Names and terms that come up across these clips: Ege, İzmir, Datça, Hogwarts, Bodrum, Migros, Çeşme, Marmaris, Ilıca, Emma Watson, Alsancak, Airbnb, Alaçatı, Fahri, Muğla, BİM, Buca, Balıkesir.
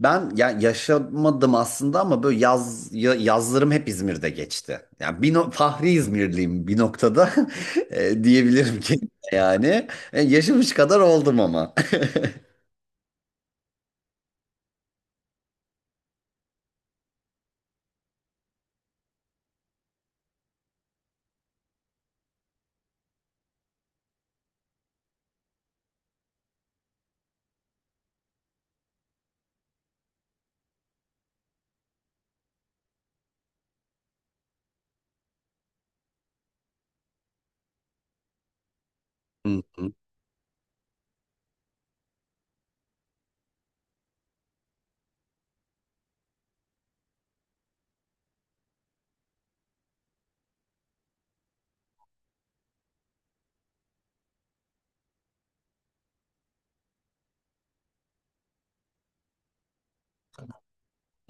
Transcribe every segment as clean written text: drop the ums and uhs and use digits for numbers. Ben ya yaşamadım aslında ama böyle yaz yazlarım hep İzmir'de geçti. Yani bir no- Fahri İzmirliyim bir noktada. Diyebilirim ki yani yaşamış kadar oldum ama. Hı hı.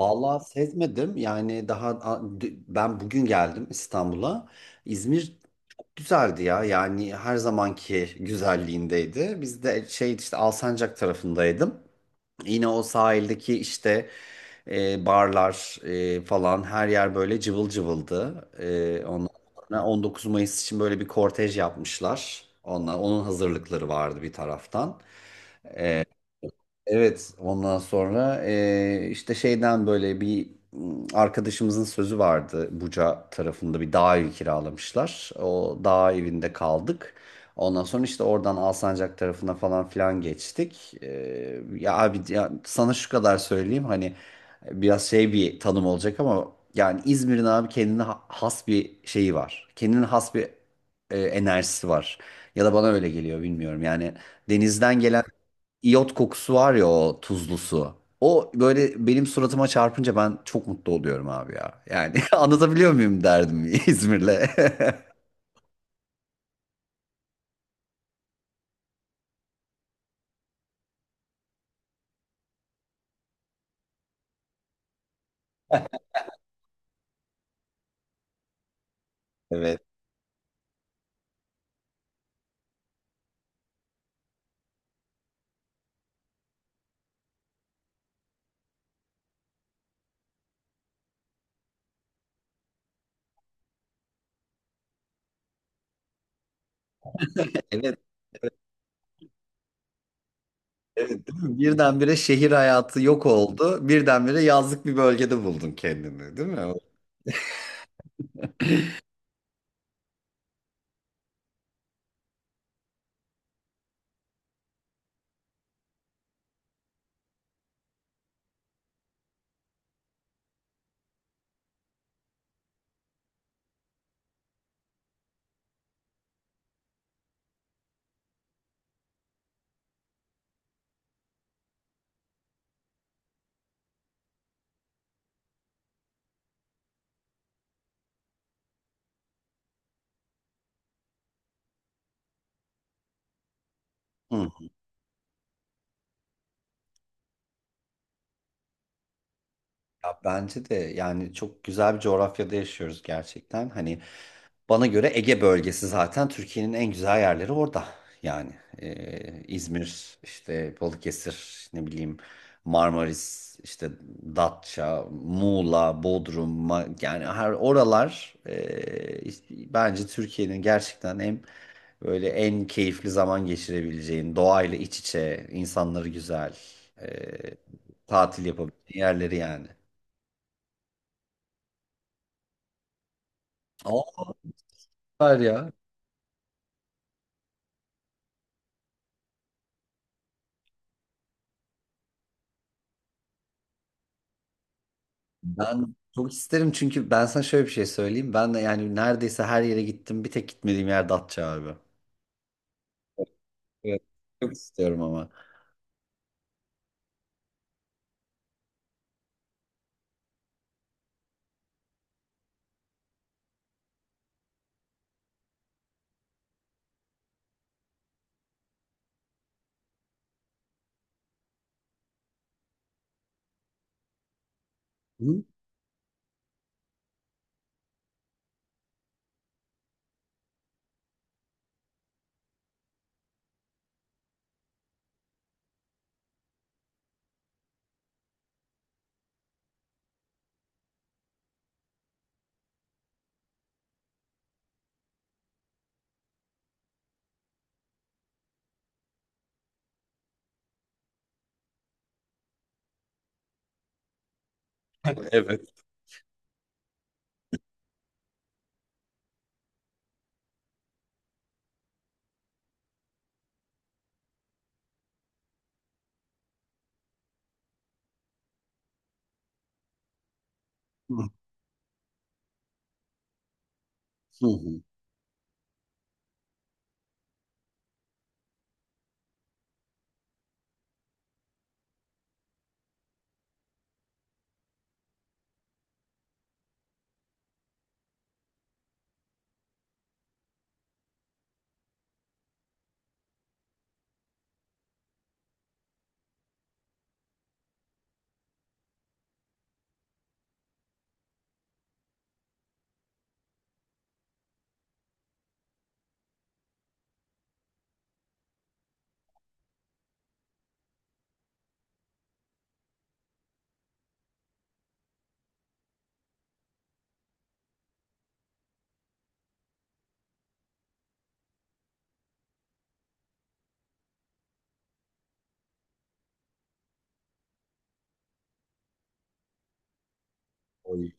Vallahi sezmedim. Yani daha ben bugün geldim İstanbul'a. İzmir güzeldi ya. Yani her zamanki güzelliğindeydi. Biz de şey işte Alsancak tarafındaydım. Yine o sahildeki işte barlar falan her yer böyle cıvıl cıvıldı. Ondan sonra 19 Mayıs için böyle bir kortej yapmışlar. Onun hazırlıkları vardı bir taraftan. Evet, ondan sonra işte şeyden böyle bir arkadaşımızın sözü vardı. Buca tarafında bir dağ evi kiralamışlar. O dağ evinde kaldık. Ondan sonra işte oradan Alsancak tarafına falan filan geçtik. Ya abi ya sana şu kadar söyleyeyim hani biraz şey bir tanım olacak ama yani İzmir'in abi kendine has bir şeyi var. Kendine has bir enerjisi var. Ya da bana öyle geliyor bilmiyorum. Yani denizden gelen iyot kokusu var ya o tuzlu su. O böyle benim suratıma çarpınca ben çok mutlu oluyorum abi ya. Yani anlatabiliyor muyum derdim İzmir'le. Evet, evet değil mi? Birdenbire şehir hayatı yok oldu. Birdenbire yazlık bir bölgede buldun kendini, değil mi? Hı. Ya bence de yani çok güzel bir coğrafyada yaşıyoruz gerçekten. Hani, bana göre Ege bölgesi zaten Türkiye'nin en güzel yerleri orada. Yani İzmir, işte Balıkesir, ne bileyim Marmaris, işte Datça, Muğla, Bodrum, yani her oralar işte bence Türkiye'nin gerçekten en böyle en keyifli zaman geçirebileceğin, doğayla iç içe, insanları güzel, e, tatil yapabileceğin yerleri yani. Aa, süper ya. Ben çok isterim çünkü ben sana şöyle bir şey söyleyeyim. Ben de yani neredeyse her yere gittim. Bir tek gitmediğim yer Datça abi. Evet. Çok istiyorum ama. Hı? Evet. Hı hı. Oy.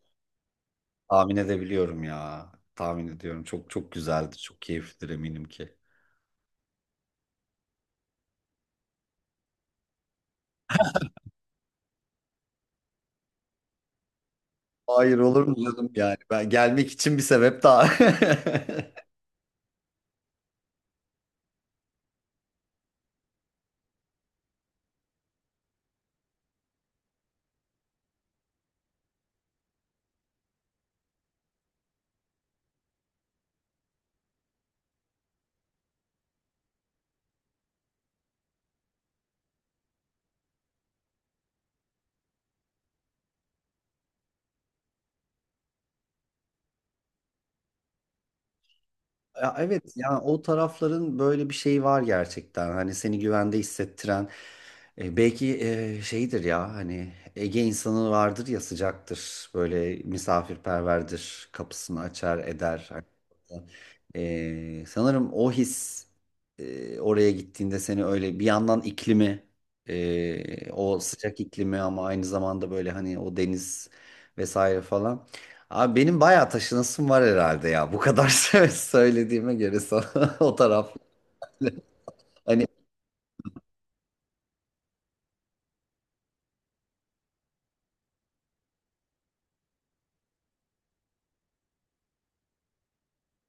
Tahmin edebiliyorum ya. Tahmin ediyorum. Çok çok güzeldi. Çok keyiflidir eminim ki. Hayır olur mu canım yani. Ben gelmek için bir sebep daha. Ya evet yani o tarafların böyle bir şeyi var gerçekten. Hani seni güvende hissettiren belki şeydir ya hani Ege insanı vardır ya sıcaktır. Böyle misafirperverdir. Kapısını açar eder. Hani, sanırım o his oraya gittiğinde seni öyle bir yandan iklimi o sıcak iklimi ama aynı zamanda böyle hani o deniz vesaire falan. Abi benim bayağı taşınasım var herhalde ya. Bu kadar söylediğime göre sana o taraf. Hani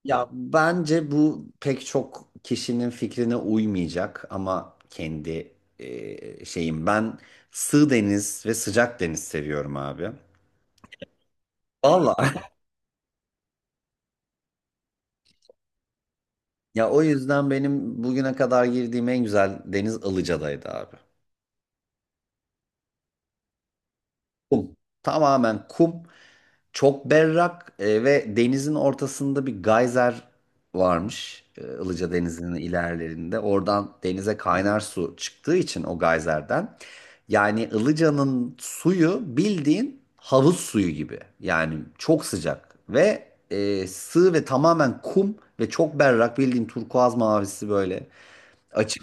ya bence bu pek çok kişinin fikrine uymayacak ama kendi şeyim. Ben sığ deniz ve sıcak deniz seviyorum abi. Vallahi. Ya o yüzden benim bugüne kadar girdiğim en güzel deniz Ilıca'daydı abi. Kum. Tamamen kum. Çok berrak ve denizin ortasında bir gayzer varmış. Ilıca Denizi'nin ilerlerinde. Oradan denize kaynar su çıktığı için o gayzerden. Yani Ilıca'nın suyu bildiğin havuz suyu gibi. Yani çok sıcak ve sığ ve tamamen kum ve çok berrak bildiğin turkuaz mavisi böyle açık.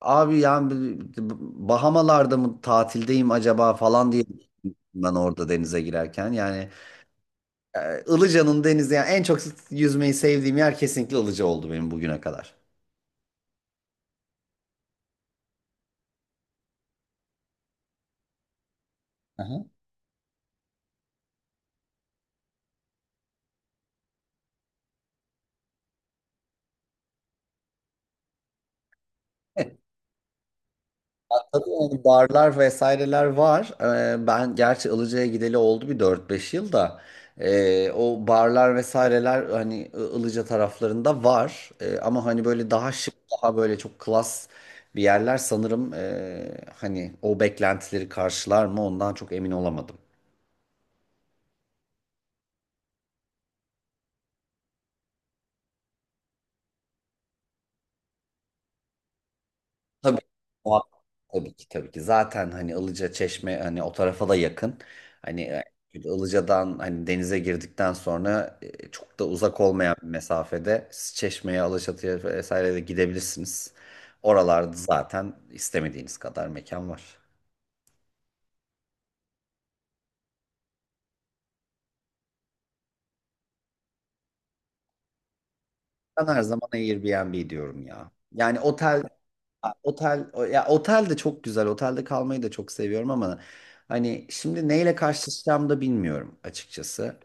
Abi yani Bahamalarda mı tatildeyim acaba falan diye düşündüm ben orada denize girerken. Yani Ilıca'nın denizi yani en çok yüzmeyi sevdiğim yer kesinlikle Ilıca oldu benim bugüne kadar. Aha. Tabii yani barlar vesaireler var. Ben gerçi Ilıca'ya gideli oldu bir dört beş yıl da o barlar vesaireler hani Ilıca taraflarında var. Ama hani böyle daha şık, daha böyle çok klas bir yerler sanırım hani o beklentileri karşılar mı ondan çok emin olamadım. Tabii o- tabii ki tabii ki. Zaten hani Ilıca Çeşme hani o tarafa da yakın. Hani Ilıca'dan hani denize girdikten sonra çok da uzak olmayan bir mesafede siz Çeşme'ye, Alaçatı'ya vesaire de gidebilirsiniz. Oralarda zaten istemediğiniz kadar mekan var. Ben her zaman Airbnb diyorum ya. Yani ya otel de çok güzel. Otelde kalmayı da çok seviyorum ama hani şimdi neyle karşılaşacağımı da bilmiyorum açıkçası.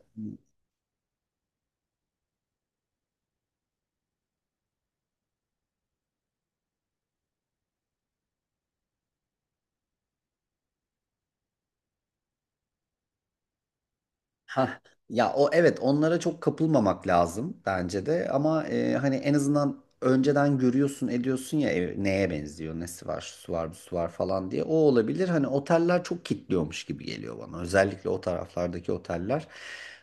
Ha ya o evet onlara çok kapılmamak lazım bence de ama hani en azından önceden görüyorsun ediyorsun ya ev neye benziyor nesi var şu var bu var falan diye o olabilir hani oteller çok kitliyormuş gibi geliyor bana özellikle o taraflardaki oteller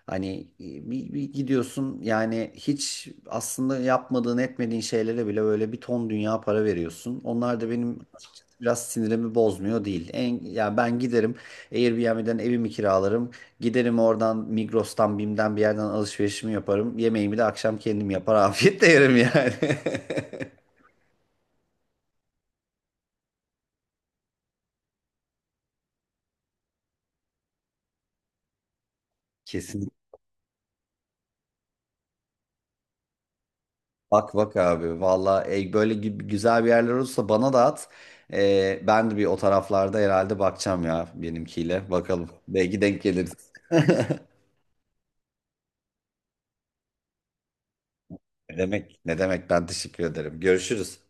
hani bir gidiyorsun yani hiç aslında yapmadığın etmediğin şeylere bile böyle bir ton dünya para veriyorsun onlar da benim açıkçası biraz sinirimi bozmuyor değil. Ya ben giderim Airbnb'den evimi kiralarım. Giderim oradan Migros'tan BİM'den bir yerden alışverişimi yaparım. Yemeğimi de akşam kendim yapar afiyetle yerim yani. Kesin. Bak bak abi valla böyle güzel bir yerler olursa bana da at. Ben de bir o taraflarda herhalde bakacağım ya benimkiyle. Bakalım belki denk geliriz. Ne demek ne demek ben teşekkür ederim. Görüşürüz.